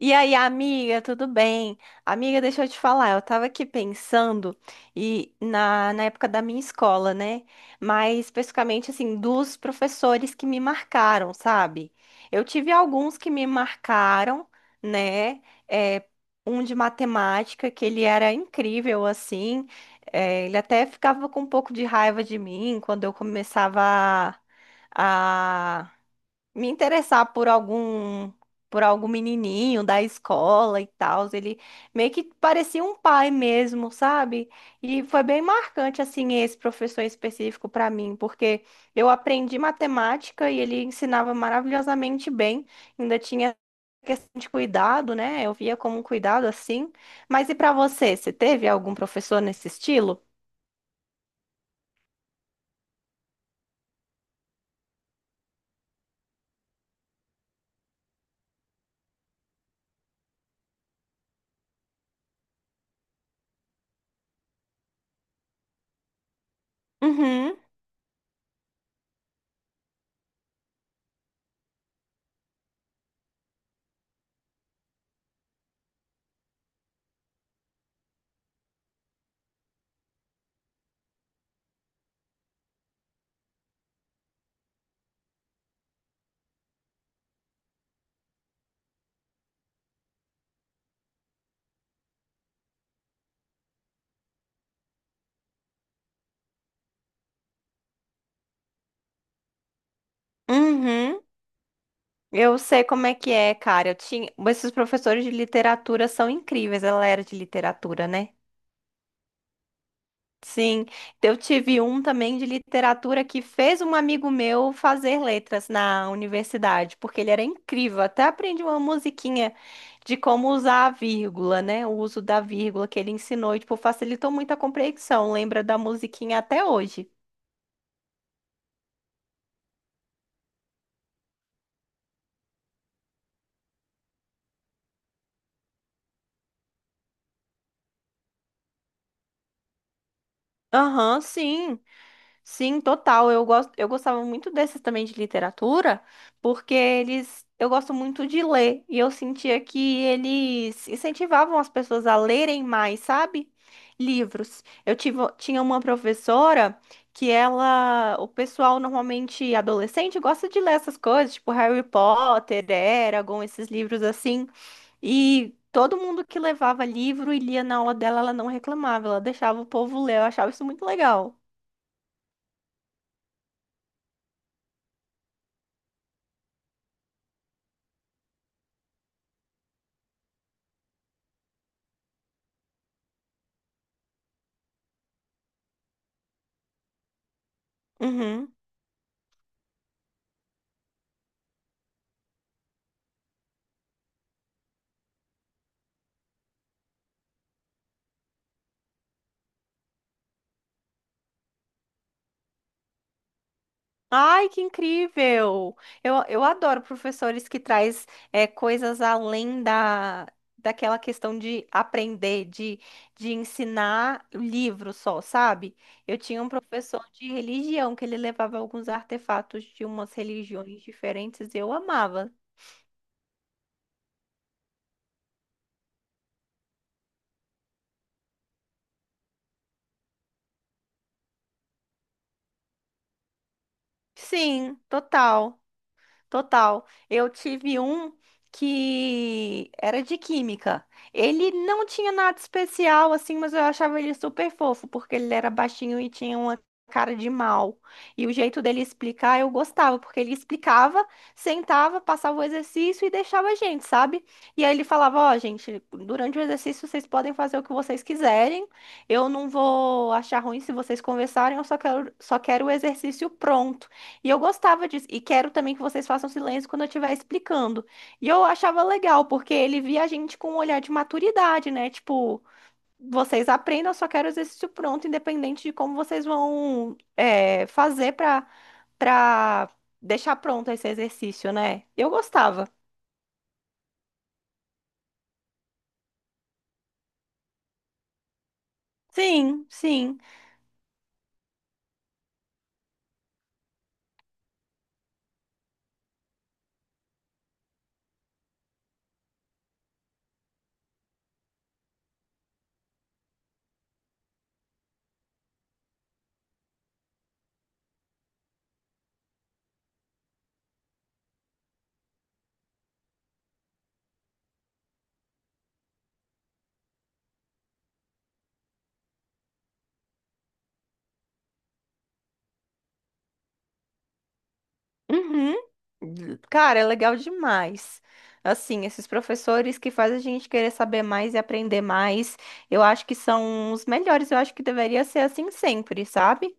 E aí, amiga, tudo bem? Amiga, deixa eu te falar, eu tava aqui pensando e na época da minha escola, né? Mas especificamente assim, dos professores que me marcaram, sabe? Eu tive alguns que me marcaram, né? É, Um de matemática, que ele era incrível, assim. Ele até ficava com um pouco de raiva de mim quando eu começava a me interessar por algum menininho da escola e tal, ele meio que parecia um pai mesmo, sabe? E foi bem marcante assim esse professor específico para mim, porque eu aprendi matemática e ele ensinava maravilhosamente bem, ainda tinha questão de cuidado, né? Eu via como um cuidado assim. Mas e para você, você teve algum professor nesse estilo? Uhum. Uhum. Eu sei como é que é, cara. Esses professores de literatura são incríveis. Ela era de literatura, né? Sim. Então, eu tive um também de literatura que fez um amigo meu fazer letras na universidade, porque ele era incrível. Até aprendi uma musiquinha de como usar a vírgula, né? O uso da vírgula que ele ensinou, e, tipo, facilitou muito a compreensão. Lembra da musiquinha até hoje. Aham, sim. Sim, total. Eu gostava muito desses também de literatura, porque eu gosto muito de ler e eu sentia que eles incentivavam as pessoas a lerem mais, sabe? Livros. Tinha uma professora o pessoal normalmente adolescente gosta de ler essas coisas, tipo Harry Potter, Eragon, esses livros assim. E todo mundo que levava livro e lia na aula dela, ela não reclamava, ela deixava o povo ler. Eu achava isso muito legal. Uhum. Ai, que incrível! Eu adoro professores que traz coisas além daquela questão de aprender, de ensinar o livro só, sabe? Eu tinha um professor de religião que ele levava alguns artefatos de umas religiões diferentes e eu amava. Sim, total. Total. Eu tive um que era de química. Ele não tinha nada especial assim, mas eu achava ele super fofo, porque ele era baixinho e tinha uma cara de mal. E o jeito dele explicar eu gostava, porque ele explicava, sentava, passava o exercício e deixava a gente, sabe? E aí ele falava: Ó, gente, durante o exercício vocês podem fazer o que vocês quiserem. Eu não vou achar ruim se vocês conversarem, eu só quero o exercício pronto. E eu gostava disso. E quero também que vocês façam silêncio quando eu estiver explicando. E eu achava legal, porque ele via a gente com um olhar de maturidade, né? Tipo, vocês aprendam, eu só quero o exercício pronto, independente de como vocês vão fazer pra deixar pronto esse exercício, né? Eu gostava. Sim, sim. Uhum. Cara, é legal demais. Assim, esses professores que fazem a gente querer saber mais e aprender mais, eu acho que são os melhores. Eu acho que deveria ser assim sempre, sabe?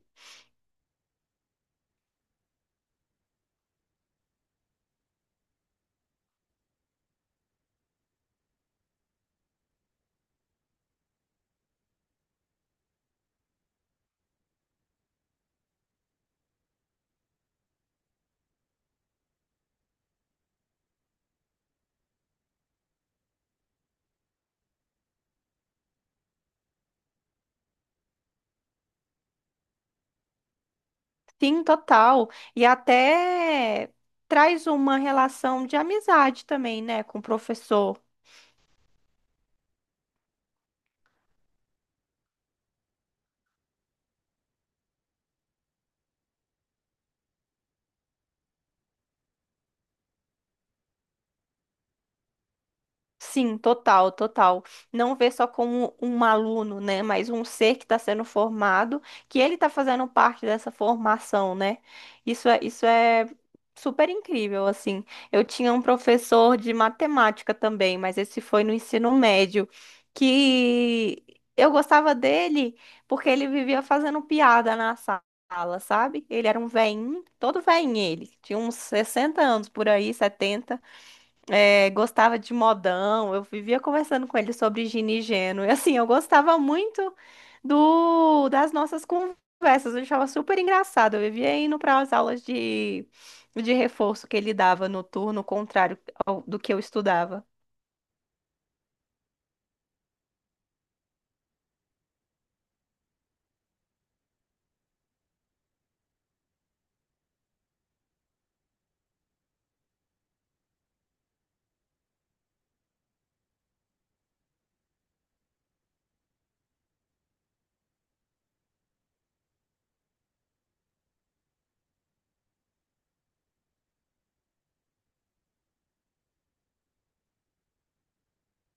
Sim, total. E até traz uma relação de amizade também, né, com o professor. Sim, total, total. Não ver só como um aluno, né? Mas um ser que está sendo formado, que ele está fazendo parte dessa formação, né? Isso é super incrível, assim. Eu tinha um professor de matemática também, mas esse foi no ensino médio, que eu gostava dele porque ele vivia fazendo piada na sala, sabe? Ele era um veinho, todo veinho ele. Tinha uns 60 anos por aí, 70 gostava de modão, eu vivia conversando com ele sobre Gini e Geno. E assim, eu gostava muito do das nossas conversas, eu achava super engraçado. Eu vivia indo para as aulas de reforço que ele dava no turno contrário do que eu estudava.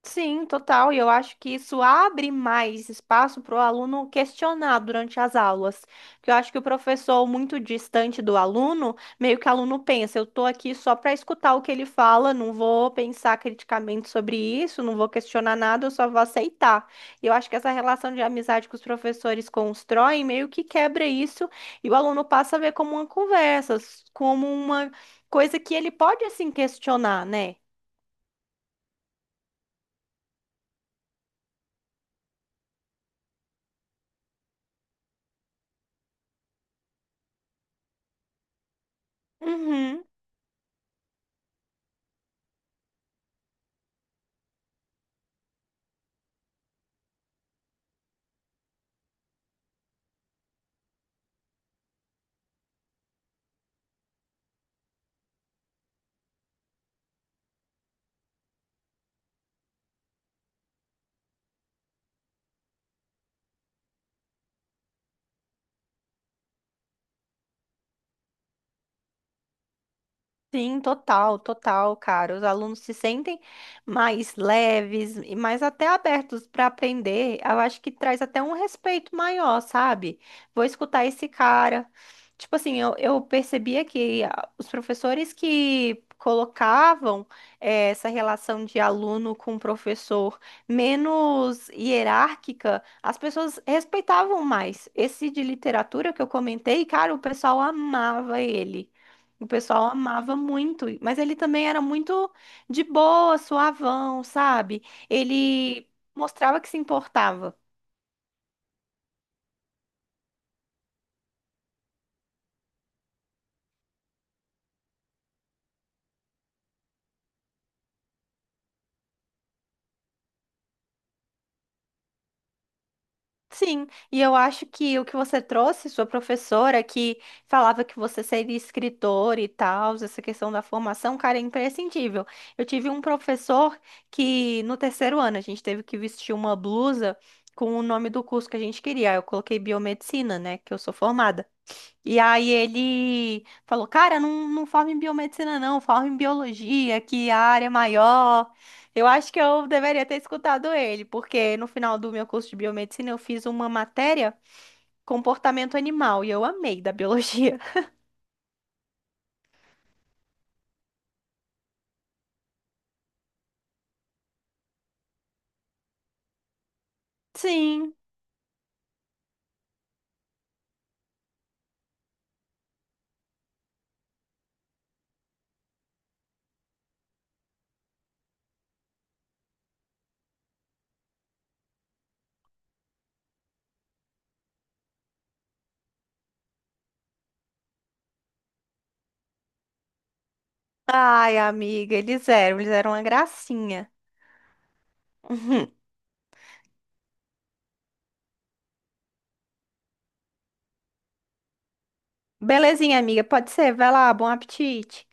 Sim, total. E eu acho que isso abre mais espaço para o aluno questionar durante as aulas. Porque eu acho que o professor, muito distante do aluno, meio que o aluno pensa, eu estou aqui só para escutar o que ele fala, não vou pensar criticamente sobre isso, não vou questionar nada, eu só vou aceitar. E eu acho que essa relação de amizade que os professores constroem meio que quebra isso e o aluno passa a ver como uma conversa, como uma coisa que ele pode assim questionar, né? Uhum. Sim, total, total, cara. Os alunos se sentem mais leves e mais até abertos para aprender. Eu acho que traz até um respeito maior, sabe? Vou escutar esse cara. Tipo assim, eu percebia que os professores que colocavam essa relação de aluno com professor menos hierárquica, as pessoas respeitavam mais. Esse de literatura que eu comentei, cara, o pessoal amava ele. O pessoal amava muito, mas ele também era muito de boa, suavão, sabe? Ele mostrava que se importava. Sim, e eu acho que o que você trouxe, sua professora, que falava que você seria escritor e tal, essa questão da formação, cara, é imprescindível. Eu tive um professor que no terceiro ano a gente teve que vestir uma blusa com o nome do curso que a gente queria. Eu coloquei biomedicina, né, que eu sou formada. E aí ele falou, cara, não, não forma em biomedicina não, forma em biologia, que a área é maior. Eu acho que eu deveria ter escutado ele, porque no final do meu curso de biomedicina eu fiz uma matéria comportamento animal e eu amei da biologia. Sim. Ai, amiga, eles eram uma gracinha. Uhum. Belezinha, amiga, pode ser, vai lá, bom apetite.